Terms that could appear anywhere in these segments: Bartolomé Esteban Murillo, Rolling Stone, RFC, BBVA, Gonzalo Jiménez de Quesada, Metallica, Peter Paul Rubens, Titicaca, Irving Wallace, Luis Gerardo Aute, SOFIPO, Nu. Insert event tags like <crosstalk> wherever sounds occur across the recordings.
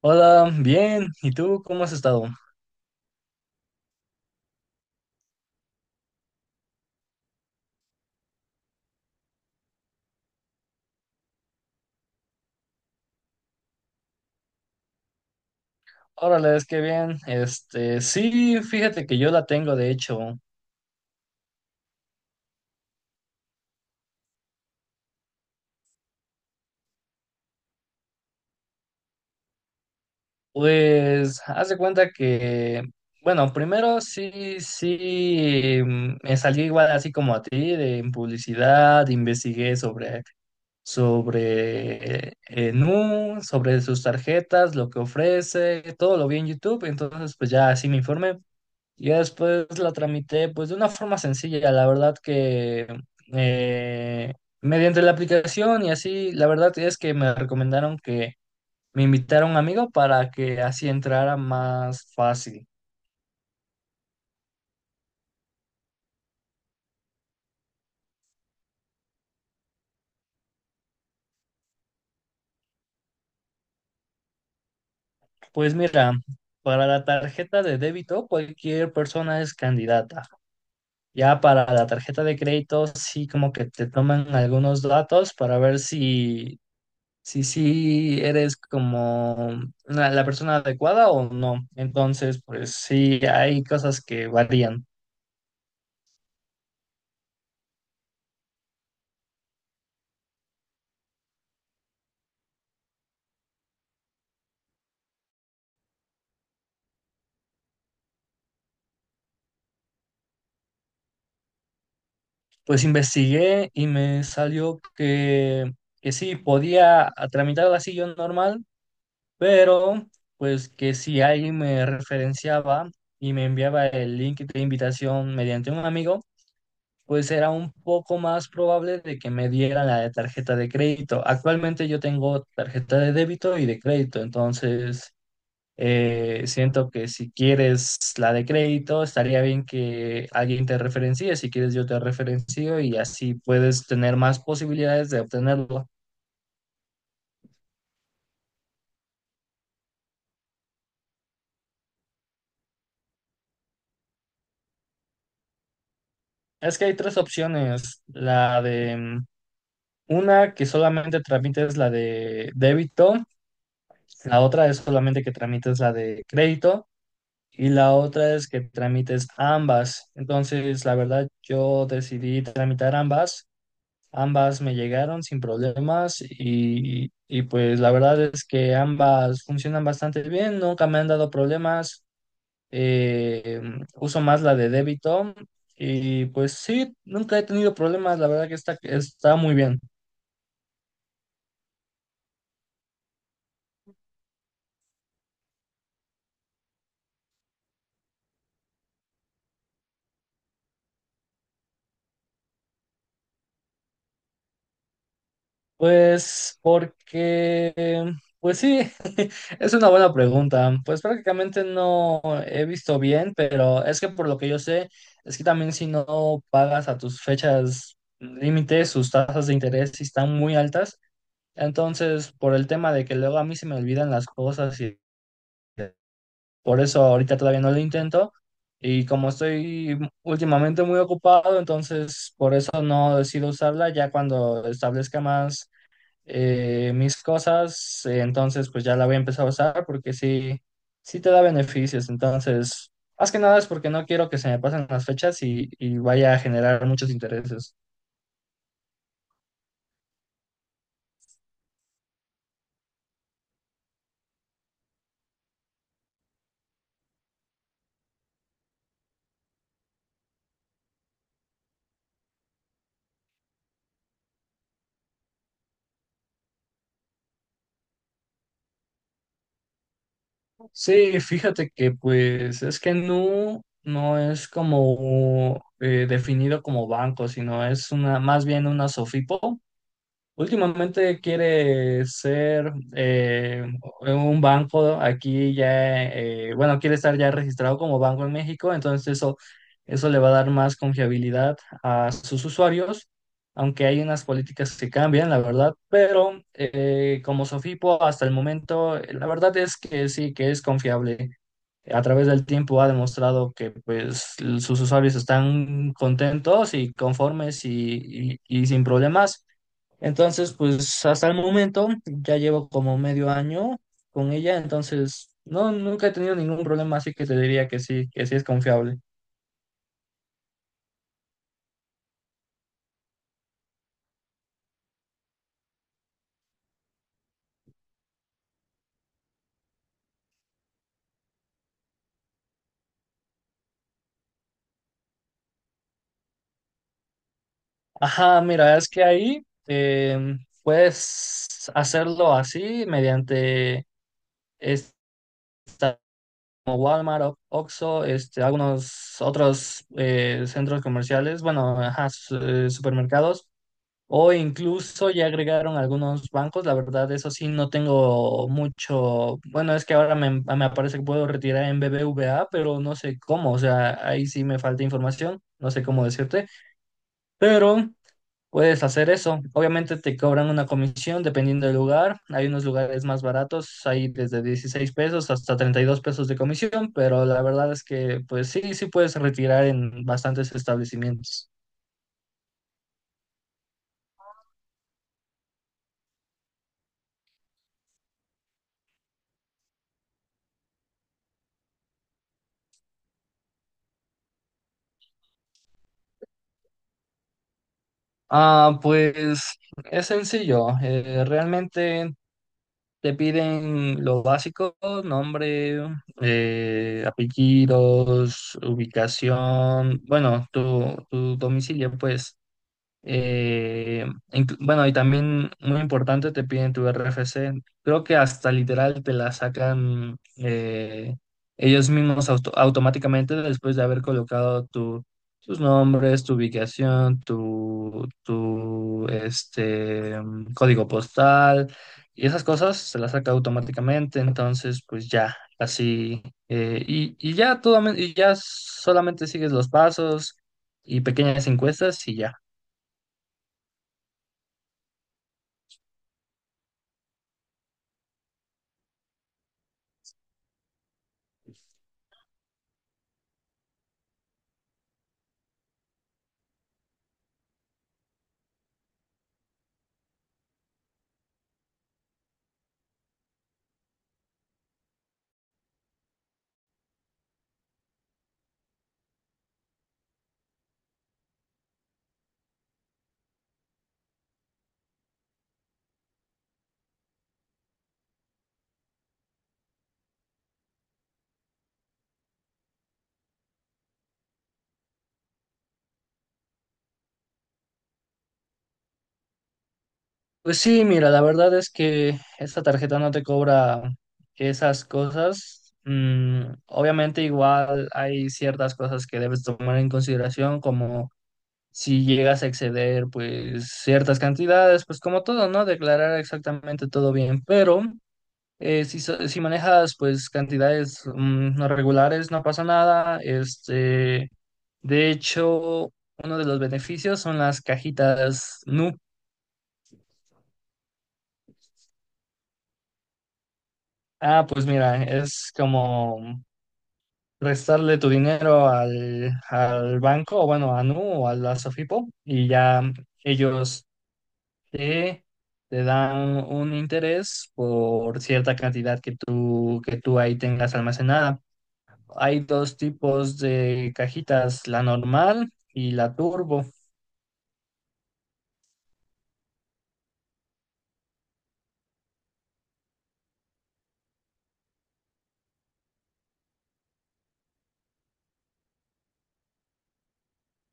Hola, bien. ¿Y tú cómo has estado? Órale, es que bien. Este, sí, fíjate que yo la tengo, de hecho. Pues, haz de cuenta que, bueno, primero sí, sí, me salí igual así como a ti, de en publicidad, investigué sobre Nu, sobre sus tarjetas, lo que ofrece, todo lo vi en YouTube, entonces pues ya así me informé. Ya después la tramité pues de una forma sencilla, la verdad que eh, mediante la aplicación y así, la verdad es que me recomendaron que me invitara a un amigo para que así entrara más fácil. Pues mira, para la tarjeta de débito cualquier persona es candidata. Ya para la tarjeta de crédito sí como que te toman algunos datos para ver si sí eres como la persona adecuada o no. Entonces, pues sí, hay cosas que varían. Pues investigué y me salió que sí, podía tramitar la silla normal, pero pues que si alguien me referenciaba y me enviaba el link de invitación mediante un amigo, pues era un poco más probable de que me dieran la de tarjeta de crédito. Actualmente yo tengo tarjeta de débito y de crédito, entonces. Siento que si quieres la de crédito, estaría bien que alguien te referencie. Si quieres, yo te referencio y así puedes tener más posibilidades de obtenerlo. Es que hay tres opciones. La de una que solamente tramites la de débito, la otra es solamente que tramites la de crédito y la otra es que tramites ambas. Entonces, la verdad, yo decidí tramitar ambas. Ambas me llegaron sin problemas y pues la verdad es que ambas funcionan bastante bien, nunca me han dado problemas, eh, uso más la de débito y pues sí, nunca he tenido problemas, la verdad que está muy bien. Pues porque, pues sí, <laughs> es una buena pregunta. Pues prácticamente no he visto bien, pero es que por lo que yo sé, es que también si no pagas a tus fechas límites, sus tasas de interés sí están muy altas. Entonces, por el tema de que luego a mí se me olvidan las cosas y por eso ahorita todavía no lo intento. Y como estoy últimamente muy ocupado, entonces por eso no decido usarla ya cuando establezca más mis cosas, entonces pues ya la voy a empezar a usar porque sí, sí te da beneficios. Entonces, más que nada es porque no quiero que se me pasen las fechas y vaya a generar muchos intereses. Sí, fíjate que pues es que Nu no es como definido como banco, sino es una, más bien una SOFIPO. Últimamente quiere ser un banco aquí ya, bueno, quiere estar ya registrado como banco en México, entonces eso le va a dar más confiabilidad a sus usuarios, aunque hay unas políticas que cambian, la verdad, pero como Sofipo hasta el momento, la verdad es que sí, que es confiable. A través del tiempo ha demostrado que pues sus usuarios están contentos y conformes y sin problemas. Entonces, pues hasta el momento ya llevo como medio año con ella, entonces no, nunca he tenido ningún problema, así que te diría que sí es confiable. Ajá, mira, es que ahí puedes hacerlo así mediante esta como Walmart, o- Oxxo, este, algunos otros centros comerciales, bueno, ajá, supermercados. O incluso ya agregaron algunos bancos, la verdad, eso sí, no tengo mucho. Bueno, es que ahora me aparece que puedo retirar en BBVA, pero no sé cómo, o sea, ahí sí me falta información, no sé cómo decirte, pero puedes hacer eso. Obviamente te cobran una comisión dependiendo del lugar, hay unos lugares más baratos, hay desde $16 hasta $32 de comisión, pero la verdad es que, pues sí, sí puedes retirar en bastantes establecimientos. Ah, pues es sencillo. Realmente te piden lo básico, nombre, apellidos, ubicación, bueno, tu domicilio, pues. Eh, bueno, y también muy importante, te piden tu RFC. Creo que hasta literal te la sacan ellos mismos automáticamente después de haber colocado tus nombres, tu ubicación, tu este, código postal y esas cosas se las saca automáticamente. Entonces, pues ya, así. Y ya, todo, y ya solamente sigues los pasos y pequeñas encuestas y ya. Pues sí, mira, la verdad es que esta tarjeta no te cobra esas cosas. Mm, obviamente igual hay ciertas cosas que debes tomar en consideración, como si llegas a exceder pues ciertas cantidades, pues como todo, ¿no? Declarar exactamente todo bien, pero si manejas pues cantidades no regulares, no pasa nada. Este, de hecho, uno de los beneficios son las cajitas Nu. Ah, pues mira, es como restarle tu dinero al banco, o bueno, a Nu o a la Sofipo, y ya ellos te, te dan un interés por cierta cantidad que tú ahí tengas almacenada. Hay dos tipos de cajitas, la normal y la turbo.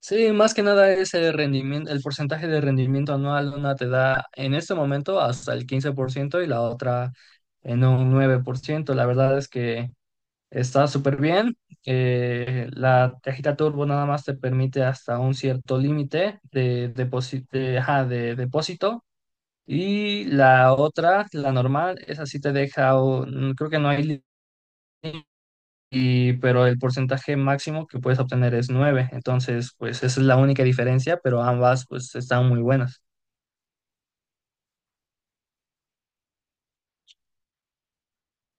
Sí, más que nada es el rendimiento, el porcentaje de rendimiento anual, una te da en este momento hasta el 15% y la otra en un 9%. La verdad es que está súper bien. La cajita Turbo nada más te permite hasta un cierto límite ajá, de depósito y la otra, la normal, esa sí te deja, creo que no hay límite y pero el porcentaje máximo que puedes obtener es nueve. Entonces, pues esa es la única diferencia, pero ambas pues están muy buenas.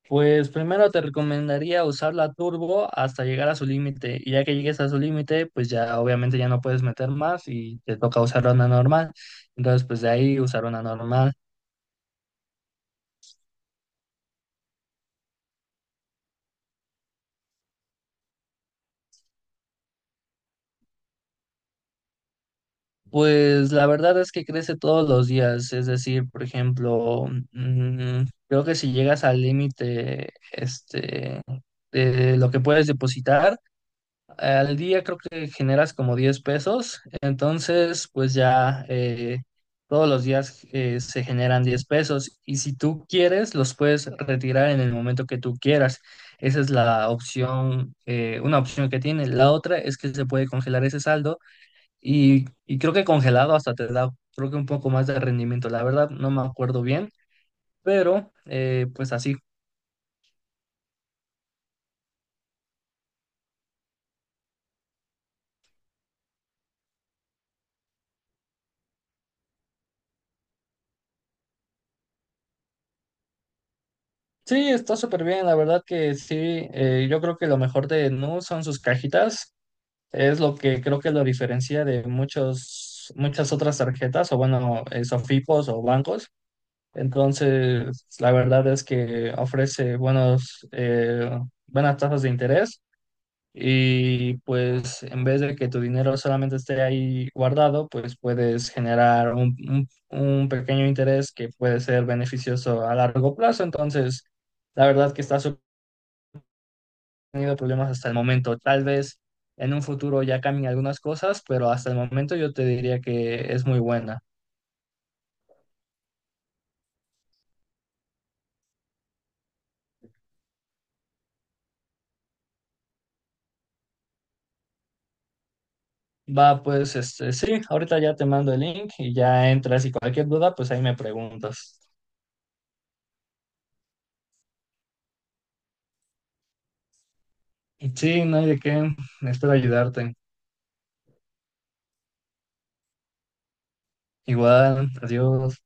Pues primero te recomendaría usar la turbo hasta llegar a su límite y ya que llegues a su límite, pues ya obviamente ya no puedes meter más y te toca usar una normal. Entonces, pues de ahí usar una normal. Pues la verdad es que crece todos los días, es decir, por ejemplo, mm, creo que si llegas al límite, este, de lo que puedes depositar, al día creo que generas como $10, entonces pues ya todos los días se generan $10 y si tú quieres los puedes retirar en el momento que tú quieras. Esa es la opción, una opción que tiene. La otra es que se puede congelar ese saldo y creo que congelado hasta te da creo que un poco más de rendimiento. La verdad no me acuerdo bien, pero pues así. Sí, está súper bien, la verdad que sí, yo creo que lo mejor de Nu son sus cajitas. Es lo que creo que lo diferencia de muchas otras tarjetas o bueno, Sofipos o bancos. Entonces, la verdad es que ofrece buenas tasas de interés y pues en vez de que tu dinero solamente esté ahí guardado, pues puedes generar un, un pequeño interés que puede ser beneficioso a largo plazo. Entonces, la verdad que está súper tenido problemas hasta el momento. Tal vez en un futuro ya cambien algunas cosas, pero hasta el momento yo te diría que es muy buena. Va, pues este, sí, ahorita ya te mando el link y ya entras y cualquier duda, pues ahí me preguntas. Y sí, no hay de qué, espero ayudarte. Igual, adiós.